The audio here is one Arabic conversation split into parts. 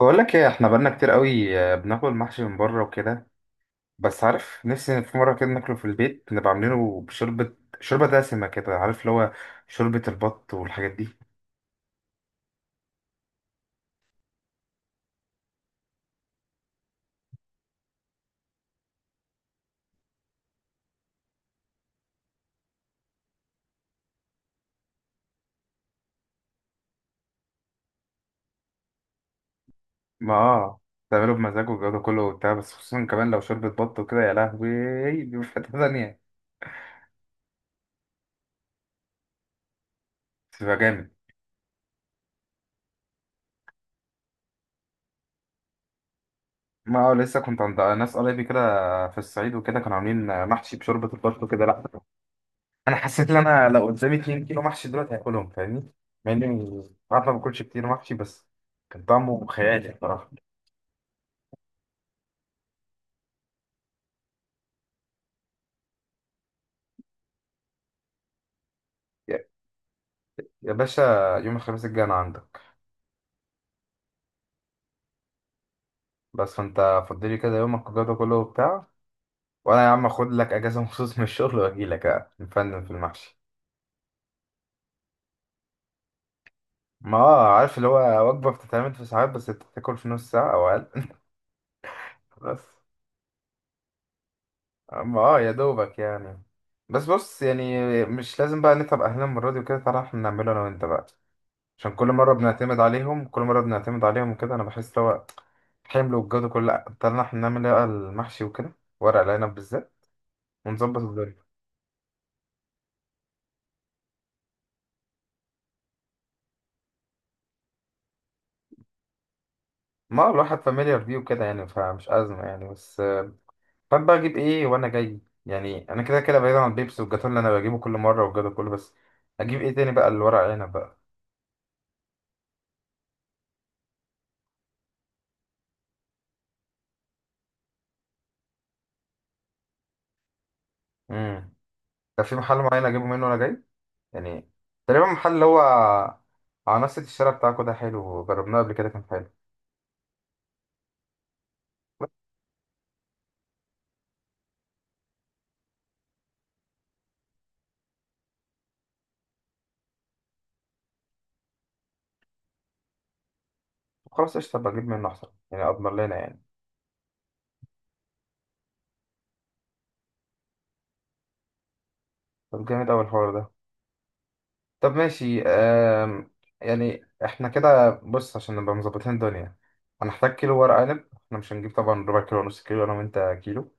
بقول لك ايه احنا بقالنا كتير قوي آه، بناكل محشي من بره وكده. بس عارف نفسي في مره كده ناكله في البيت نبقى عاملينه بشوربه شوربه دسمه كده عارف اللي هو شوربه البط والحاجات دي. ما اه تعمله بمزاج والجو ده كله وبتاع، بس خصوصا كمان لو شوربه بط وكده يا لهوي بيبقى في حته تانية. بتبقى جامد. ما اه لسه كنت عند ناس قرايبي كده في الصعيد وكده، كانوا عاملين محشي بشوربه البط وكده. لا انا حسيت ان انا لو قدامي 2 كيلو محشي دلوقتي هاكلهم فاهمني، مع اني عارف ما باكلش كتير محشي، بس كان طعمه خيالي بصراحه. يا يا باشا، يوم الخميس الجاي انا عندك. بس فانت فضلي كده يومك والجو ده كله وبتاع، وانا يا عم اخد لك اجازه مخصوص من الشغل واجي لك نفنن في المحشي. ما اه عارف اللي هو وجبه بتتعمل في ساعات بس انت بتاكل في نص ساعه او اقل بس ما اه يا دوبك يعني. بس بص يعني مش لازم بقى نتعب اهلنا المره دي وكده، تعالى احنا نعمله انا وانت بقى. عشان كل مرة بنعتمد عليهم كل مرة بنعتمد عليهم وكده، أنا بحس لو حمل والجو ده كله لأ، طلعنا احنا نعمل إيه بقى المحشي وكده، ورق العنب بالذات، ونظبط الدنيا. ما الواحد فاميليار بيه وكده يعني فمش أزمة يعني. بس فاهم بقى أجيب إيه وأنا جاي. يعني أنا كده كده بعيد عن البيبسي والجاتون اللي أنا بجيبه كل مرة والجو ده كله، بس أجيب إيه تاني بقى الورق العنب بقى. امم، ده في محل معين أجيبه منه وأنا جاي يعني، تقريبا محل اللي هو على نفس الشارع بتاعكوا ده، حلو جربناه قبل كده كان حلو. خلاص قشطة بجيب منه أحسن يعني، أضمن لنا يعني. طب جامد أوي الحوار ده. طب ماشي. يعني احنا كده بص عشان نبقى مظبطين الدنيا هنحتاج كيلو ورق عنب، احنا مش هنجيب طبعا ربع كيلو ونص كيلو، انا وانت كيلو.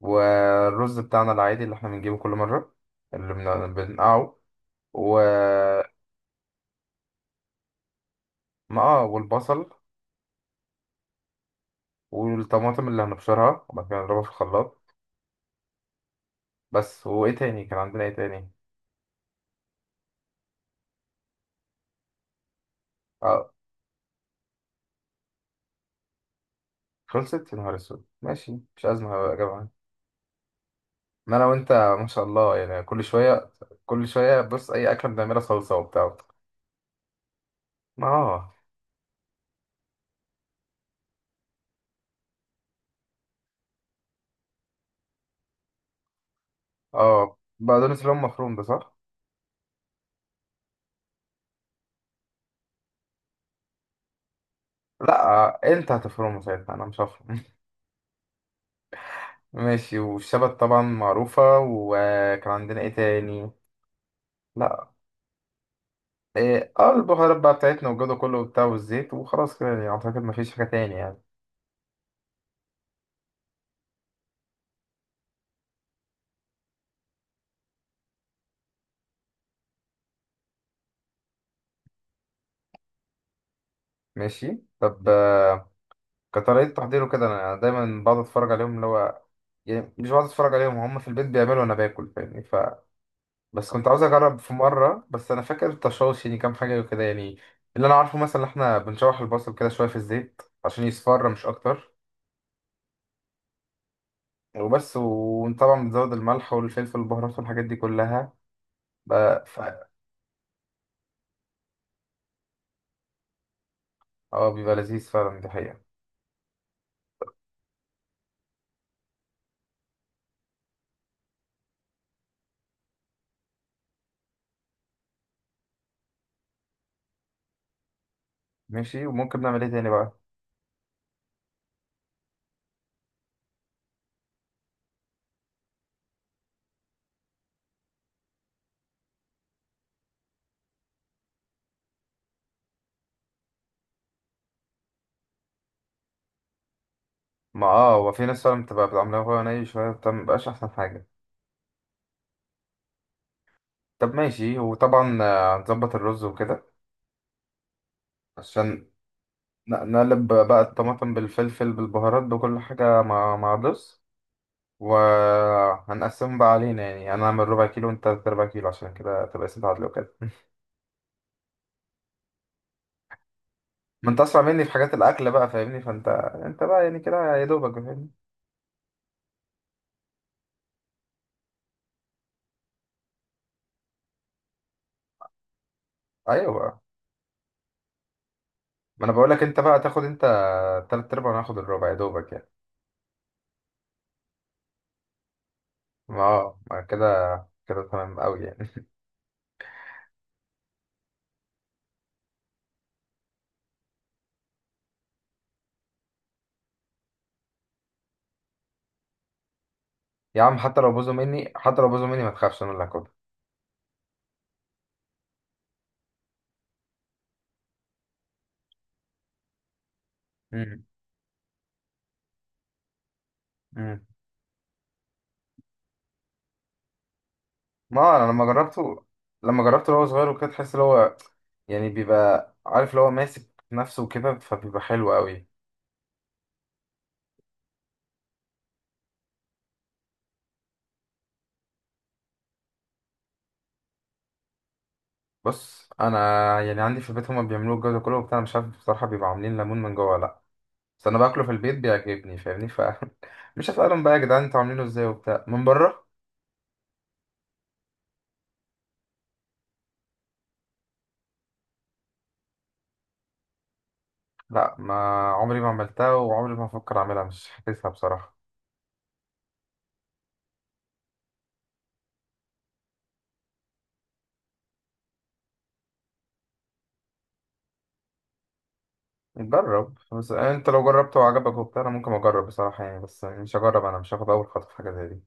والرز بتاعنا العادي اللي احنا بنجيبه كل مرة اللي بنقعه و... ما اه والبصل والطماطم اللي هنبشرها وبعد كده نضربها في الخلاط. بس وايه تاني، كان عندنا ايه تاني؟ اه، خلصت يا نهار اسود. ماشي مش أزمة هبقى أجيبها. ان انا وانت ما شاء الله يعني، كل شويه كل شويه بص اي اكله بنعملها صلصه وبتاع. ما اه اه، بقدونس اللي هو مفروم ده صح. لا انت هتفرمه ساعتها انا مش هفرم. ماشي، والشبت طبعا معروفه. وكان عندنا ايه تاني؟ لا، ايه اه البهارات بقى بتاعتنا والجو ده كله وبتاع، والزيت، وخلاص كده يعني اعتقد ما فيش حاجه تاني يعني. ماشي طب كطريقه تحضيره كده انا دايما بقعد اتفرج عليهم اللي هو، يعني مش بقعد اتفرج عليهم، هم في البيت بيعملوا وانا باكل فاهمني. ف بس كنت عاوز اجرب في مره، بس انا فاكر التشوش يعني كام حاجه وكده يعني. اللي انا عارفه مثلا إن احنا بنشوح البصل كده شويه في الزيت عشان يصفر مش اكتر. وبس، وطبعا بنزود الملح والفلفل والبهارات والحاجات دي كلها بقى ف... اه بيبقى لذيذ فعلا دي حقيقه. ماشي، وممكن نعمل ايه تاني بقى؟ ما اه هو في ناس فعلا بتبقى بتعملها وهو ني شويه، بتبقى مبقاش احسن حاجه. طب ماشي، وطبعا هنظبط الرز وكده عشان نقلب بقى الطماطم بالفلفل بالبهارات بكل حاجه مع مع الرز. وهنقسمهم بقى علينا يعني، انا اعمل ربع كيلو وانت تلات ارباع كيلو، عشان كده تبقى اسم تعادل وكده. ما انت اسرع مني في حاجات الاكل بقى فاهمني، فانت انت بقى يعني كده يا دوبك فاهمني. ايوه بقى، ما انا بقول لك انت بقى تاخد انت تلات ارباع وانا هاخد الربع يا دوبك يعني. ما كده كده تمام قوي يعني. يا عم حتى لو بوظوا مني حتى لو بوظوا مني ما تخافش انا اللي هاخدها. مم. مم. ما آه، انا لما جربته، وهو صغير وكده تحس ان هو يعني بيبقى عارف اللي هو ماسك نفسه وكده فبيبقى حلو قوي. بص انا يعني عندي في البيت هما بيعملوه الجو ده كله وبتاع، أنا مش عارف بصراحه بيبقوا عاملين ليمون من جوه ولا لا. بس انا باكله في البيت بيعجبني فاهمني. ف مش هسالهم بقى يا جدعان انتوا عاملينه ازاي وبتاع من بره. لا ما عمري ما عملتها وعمري ما هفكر اعملها، مش حاسسها بصراحه. نجرب بس، انت لو جربته وعجبك وبتاع انا ممكن اجرب بصراحه يعني، بس مش هجرب انا مش هاخد اول خطوه في حاجه زي دي.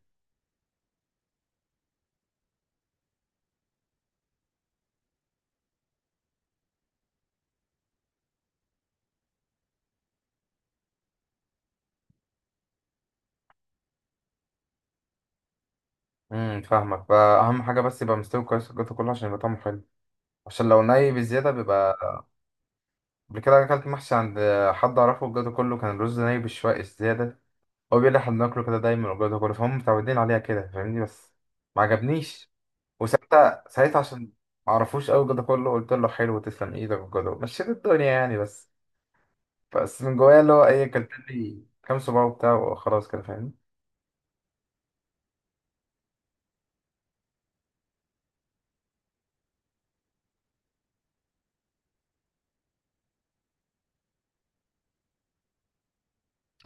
امم، فاهمك. فاهم حاجه بس يبقى مستوي كويس الجو ده كله عشان يبقى طعمه حلو، عشان لو ني بزياده بيبقى... قبل كده أكلت محشي عند حد أعرفه وجاته كله كان الرز نايم بالشوائق الزيادة. هو بيقول لي إحنا بناكله كده دايما وجاته كله، فهم متعودين عليها كده فاهمني، بس ما عجبنيش. وساعتها عشان ما أعرفوش أوي جاته كله قلت له حلو تسلم إيدك وجاته، مشيت الدنيا يعني، بس بس من جوايا اللي هو إيه كلت لي كام صباع وبتاع وخلاص كده فاهمني.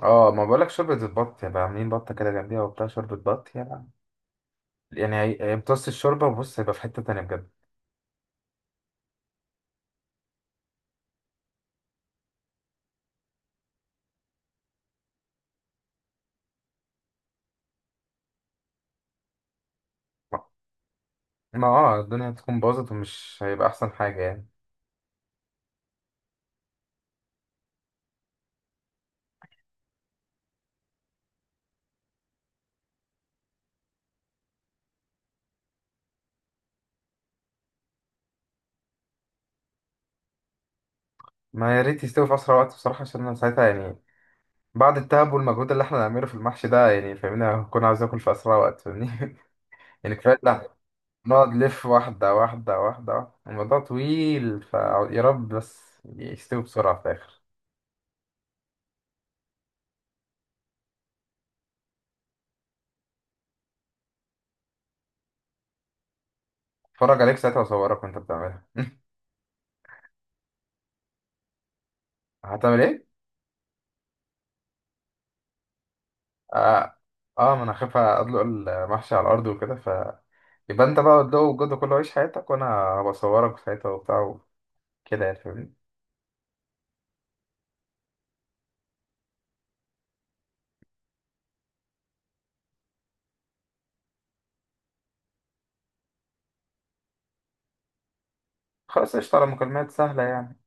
اه ما بقولك شوربة البط، يبقى عاملين بطة كده جنبيها وبتاع، شوربة بط يعني. يعني هيمتص الشوربة وبص هيبقى في حتة تانية بجد. ما ما الدنيا هتكون باظت ومش هيبقى أحسن حاجة يعني. ما يا ريت يستوي في اسرع وقت بصراحه، عشان انا ساعتها يعني بعد التعب والمجهود اللي احنا هنعمله في المحشي ده يعني فاهمني، هكون عايز اكل في اسرع وقت فاهمني يعني كفايه لا نقعد نلف واحده واحده واحده واحدة. الموضوع طويل، فيا رب بس يستوي بسرعه في الاخر. اتفرج عليك ساعتها واصورك وانت بتعملها. هتعمل ايه؟ اه, ما انا خايف ادلق المحشي على الارض وكده، ف يبقى انت بقى ادلقه وجده كله عيش حياتك وانا هبقى اصورك ساعتها وبتاع وكده يعني فاهمني. خلاص قشطة، على مكالمات سهلة يعني.